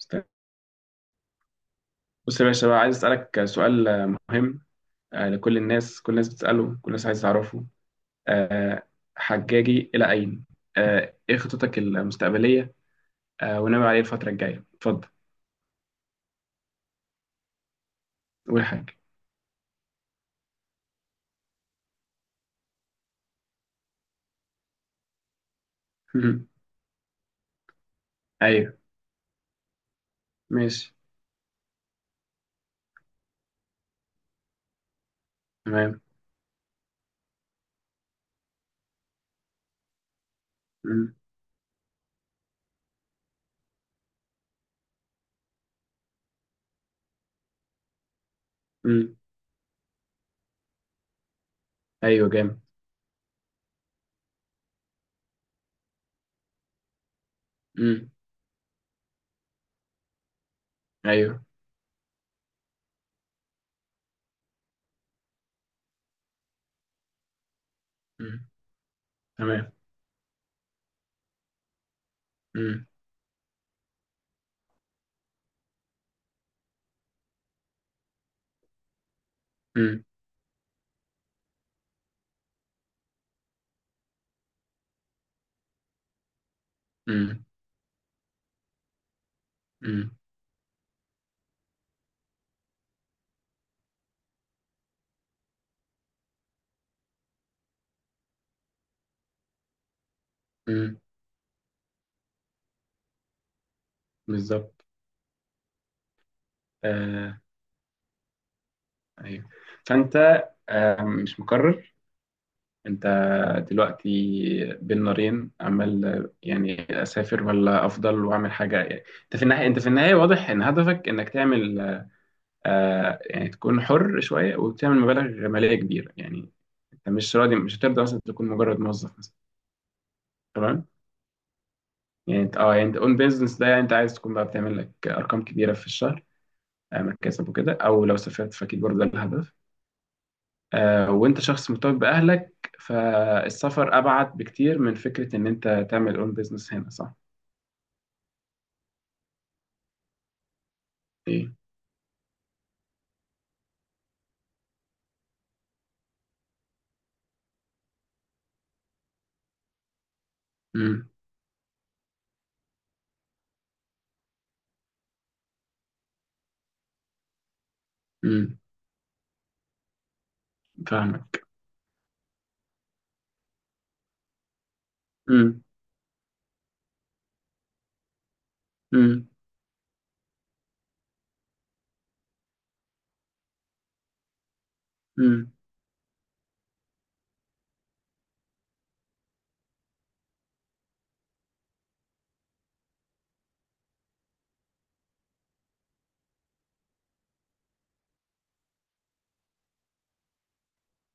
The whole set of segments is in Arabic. استنى. بص يا باشا بقى عايز اسالك سؤال مهم. لكل الناس، كل الناس بتساله، كل الناس عايز تعرفه. آه، حجاجي الى اين؟ ايه خططك المستقبليه؟ وناوي عليه الفتره الجايه. اتفضل، قول حاجه. مم. ايوه. ماشي. تمام. مم. مم. ايوه، جامد. مم. ايوه. مم. تمام. مم. مم. مم. مم. مم. بالظبط. آه، ايوه. فانت مش مقرر. انت دلوقتي بين نارين، عمال يعني اسافر ولا افضل واعمل حاجه. يعني انت في النهايه، واضح ان هدفك انك تعمل يعني تكون حر شويه وتعمل مبالغ ماليه كبيره. يعني انت مش هترضى مثلا تكون مجرد موظف مثلا. تمام. يعني انت اه يعني انت اون بيزنس ده، يعني انت عايز تكون بقى بتعمل لك ارقام كبيره في الشهر. مكاسب وكده، او لو سافرت فاكيد برضه ده الهدف. وانت شخص مرتبط باهلك، فالسفر ابعد بكتير من فكره ان انت تعمل اون بيزنس هنا. صح؟ ايه. امم. امم. فاهمك. امم. امم. امم.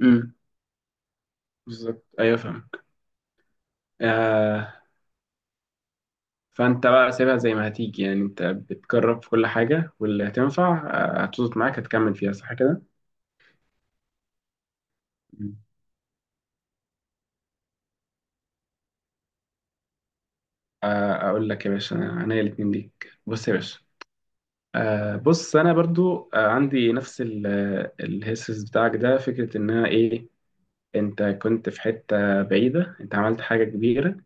امم. بالظبط. ايوه، فاهمك. آه فانت بقى سيبها زي ما هتيجي. يعني انت بتجرب في كل حاجه، واللي هتنفع هتظبط معاك هتكمل فيها. صح كده؟ مم. اقول لك يا باشا، انا الاتنين ليك. بص يا باشا، بص انا برضو عندي نفس الهيسس بتاعك ده. فكره انها ايه؟ انت كنت في حتة بعيدة، انت عملت حاجة كبيرة.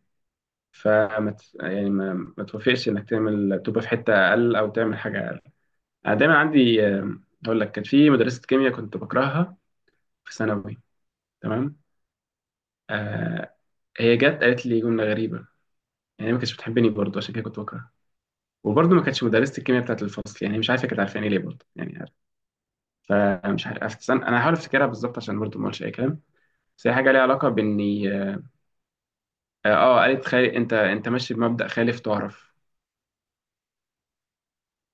فما يعني ما توافقش انك تعمل تبقى في حتة اقل او تعمل حاجة اقل. انا دايما عندي. اقول لك، كانت في مدرسة كيمياء كنت بكرهها في ثانوي. تمام. آه هي جت قالت لي جملة غريبة. يعني هي ما كانتش بتحبني برضه، عشان كده كنت بكرهها. وبرضه ما كانتش مدرسة الكيمياء بتاعت الفصل، يعني مش عارفة كانت عارفاني ليه برضه، يعني عارف. فمش عارف. انا هحاول افتكرها بالظبط، عشان برضه ما اقولش اي كلام. بس هي حاجة ليها علاقة باني، قالت خالي، انت ماشي بمبدأ خالف تعرف.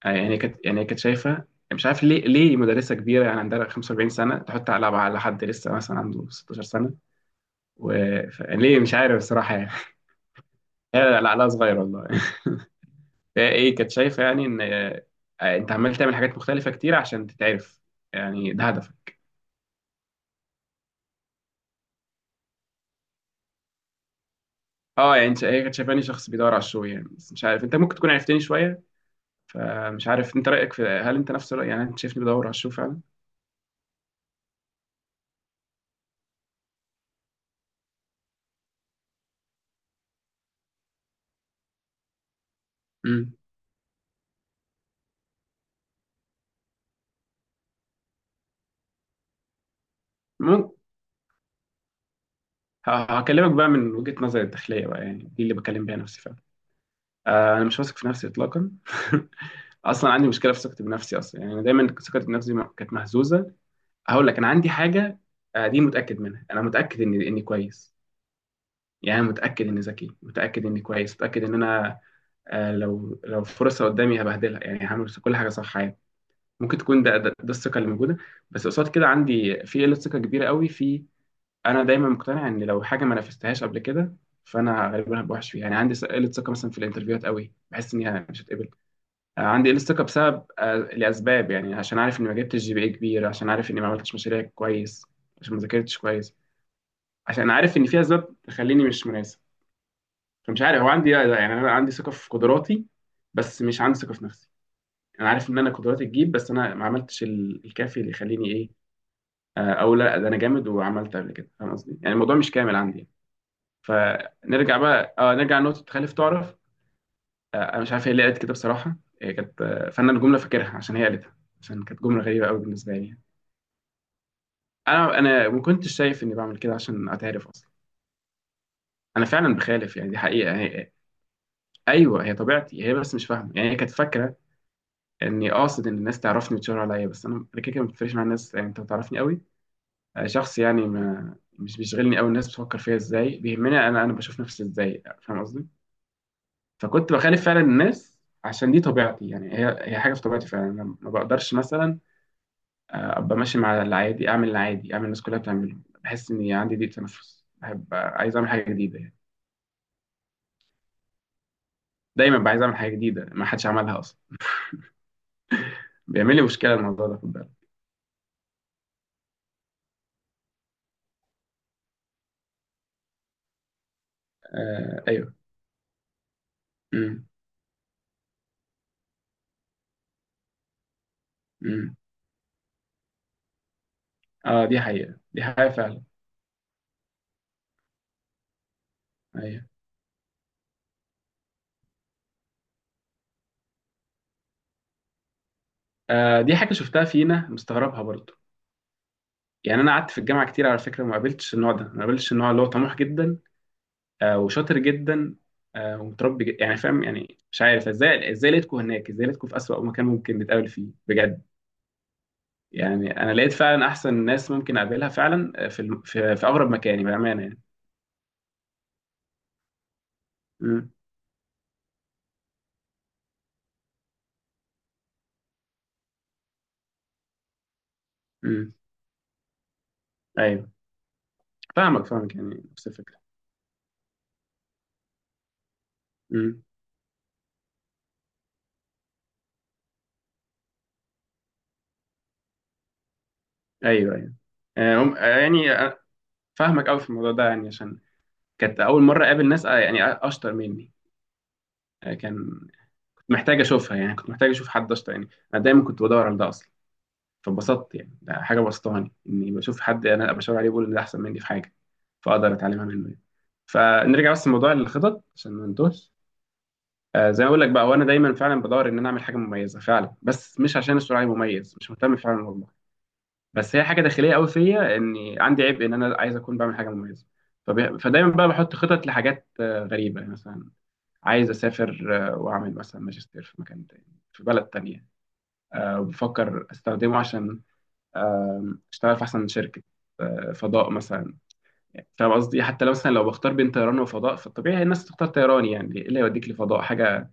يعني هي كانت شايفه يعني. مش عارف ليه مدرسه كبيره يعني، عندها 45 سنه، تحط على حد لسه مثلا عنده 16 سنه. و... يعني ليه، مش عارف الصراحه يعني. هي عقلها صغير والله. فهي ايه كانت شايفه؟ يعني ان انت عمال تعمل حاجات مختلفه كتير عشان تتعرف. يعني ده هدفك. اه يعني هي كانت شايفاني شخص بيدور على الشو يعني. بس مش عارف انت، ممكن تكون عرفتني شويه. فمش عارف انت رايك في، هل انت نفس الراي؟ يعني انت شايفني بدور على الشو فعلا؟ امم. ممكن. ه- هكلمك بقى من وجهه نظري الداخليه، بقى يعني دي اللي بكلم بيها نفسي فعلا. انا مش واثق في نفسي اطلاقا. اصلا عندي مشكله في ثقتي بنفسي اصلا، يعني أنا دايما ثقتي بنفسي كانت مهزوزه. هقول لك انا عندي حاجه، دي متاكد منها. انا متاكد اني كويس، يعني أنا متاكد اني ذكي، متاكد اني كويس، متاكد ان انا لو فرصه قدامي هبهدلها، يعني هعمل كل حاجه صح عادي. ممكن تكون ده الثقه اللي موجوده. بس قصاد كده عندي في قله ثقه كبيره قوي في. انا دايما مقتنع ان لو حاجه ما نفذتهاش قبل كده، فانا غالبا هبقى وحش فيها. يعني عندي قله ثقه مثلا في الانترفيوهات قوي، بحس اني مش هتقبل. عندي الستوكا بسبب، لاسباب يعني. عشان عارف اني ما جبتش GPA كبير، عشان عارف اني ما عملتش مشاريع كويس، عشان ما ذاكرتش كويس، عشان عارف ان في اسباب تخليني مش مناسب. فمش عارف هو عندي، يعني انا عندي ثقه في قدراتي، بس مش عندي ثقه في نفسي. انا عارف ان انا قدراتي تجيب، بس انا ما عملتش الكافي اللي يخليني ايه، او لا، ده انا جامد وعملت قبل كده. فاهم قصدي؟ يعني الموضوع مش كامل عندي. فنرجع بقى، نرجع لنقطه تخلف تعرف. انا مش عارف هي ليه قالت كده بصراحه. هي كانت، فانا الجمله فاكرها عشان هي قالتها، عشان كانت جمله غريبه قوي بالنسبه لي. انا ما كنتش شايف اني بعمل كده عشان اتعرف اصلا. انا فعلا بخالف يعني، دي حقيقه هي. ايوه، هي طبيعتي هي، بس مش فاهمه. يعني هي كانت فاكره اني قاصد ان الناس تعرفني وتشاور عليا، بس انا كده كده ما بتفرقش مع الناس. يعني انت بتعرفني قوي، شخص يعني، ما مش بيشغلني قوي الناس بتفكر فيا ازاي، بيهمني انا بشوف نفسي ازاي. فاهم قصدي؟ فكنت بخالف فعلا الناس، عشان دي طبيعتي. يعني هي هي حاجه في طبيعتي فعلا، أنا ما بقدرش مثلا ابقى ماشي مع العادي، اعمل العادي، اعمل الناس كلها بتعمله. بحس اني عندي ضيق تنفس، بحب، عايز اعمل حاجه جديده يعني. دايما بقى عايز اعمل حاجه جديده ما حدش عملها اصلا. بيعمل لي مشكله الموضوع ده، خد بالك. ايوه. امم. امم. اه دي حقيقه، دي حقيقه فعلا. ايوه. دي حاجه شفتها فينا مستغربها برضه. يعني انا قعدت في الجامعه كتير على فكره، ما قابلتش النوع ده، ما قابلتش النوع اللي هو طموح جدا وشاطر جدا ومتربي جدا. يعني فاهم، يعني مش عارف ازاي لقيتكم هناك، ازاي لقيتكم في اسوأ مكان ممكن نتقابل فيه بجد. يعني انا لقيت فعلا احسن ناس ممكن اقابلها فعلا في اغرب مكاني بامانه يعني. امم. امم. ايوه، فاهمك، فاهمك، يعني نفس الفكره. امم. ايوه. ايوه. آه، هم- آه، يعني آه، فاهمك قوي في الموضوع ده، يعني عشان كانت اول مره اقابل ناس يعني اشطر مني. آه، كان كنت محتاج اشوفها. يعني كنت محتاج اشوف حد اشطر، يعني انا دايما كنت بدور على ده اصلا. فاتبسطت يعني، ده حاجه بسطاني اني بشوف حد انا ابقى شاور عليه، بقول ان ده احسن مني في حاجه، فاقدر اتعلمها منه يعني. فنرجع بس لموضوع الخطط عشان ما ننتهش. زي ما اقول لك بقى، وانا دايما فعلا بدور ان انا اعمل حاجه مميزه فعلا، بس مش عشان السرعه مميز، مش مهتم فعلا والله. بس هي حاجه داخليه قوي فيا، اني عندي عيب ان انا عايز اكون بعمل حاجه مميزه. فدايما بقى بحط خطط لحاجات غريبه، يعني مثلا عايز اسافر واعمل مثلا ماجستير في مكان تاني، في بلد تانية. بفكر استخدمه عشان آه، اشتغل في احسن شركه، فضاء مثلا. يعني فاهم قصدي، حتى لو مثلا بختار بين طيران وفضاء فالطبيعي الناس تختار طيران. يعني ايه اللي يوديك لفضاء؟ حاجه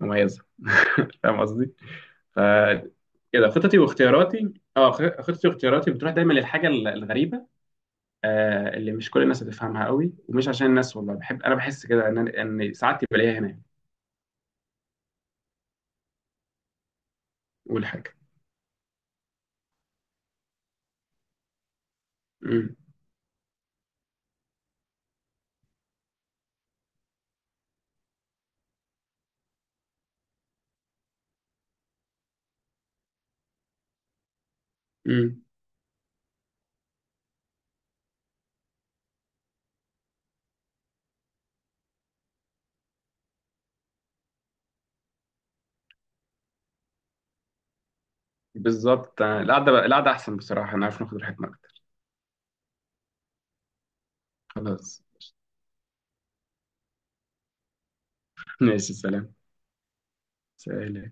مميزه. فاهم قصدي؟ فكده خططي واختياراتي بتروح دايما للحاجه الغريبه، اللي مش كل الناس هتفهمها قوي. ومش عشان الناس والله، بحب انا، بحس كده ان ان ساعات بلاقيها هنا. اول حاجه. امم. امم. بالظبط. القعده، القعده احسن بصراحه، انا عارف ناخد راحتنا اكتر. خلاص. ماشي، سلام. سلام.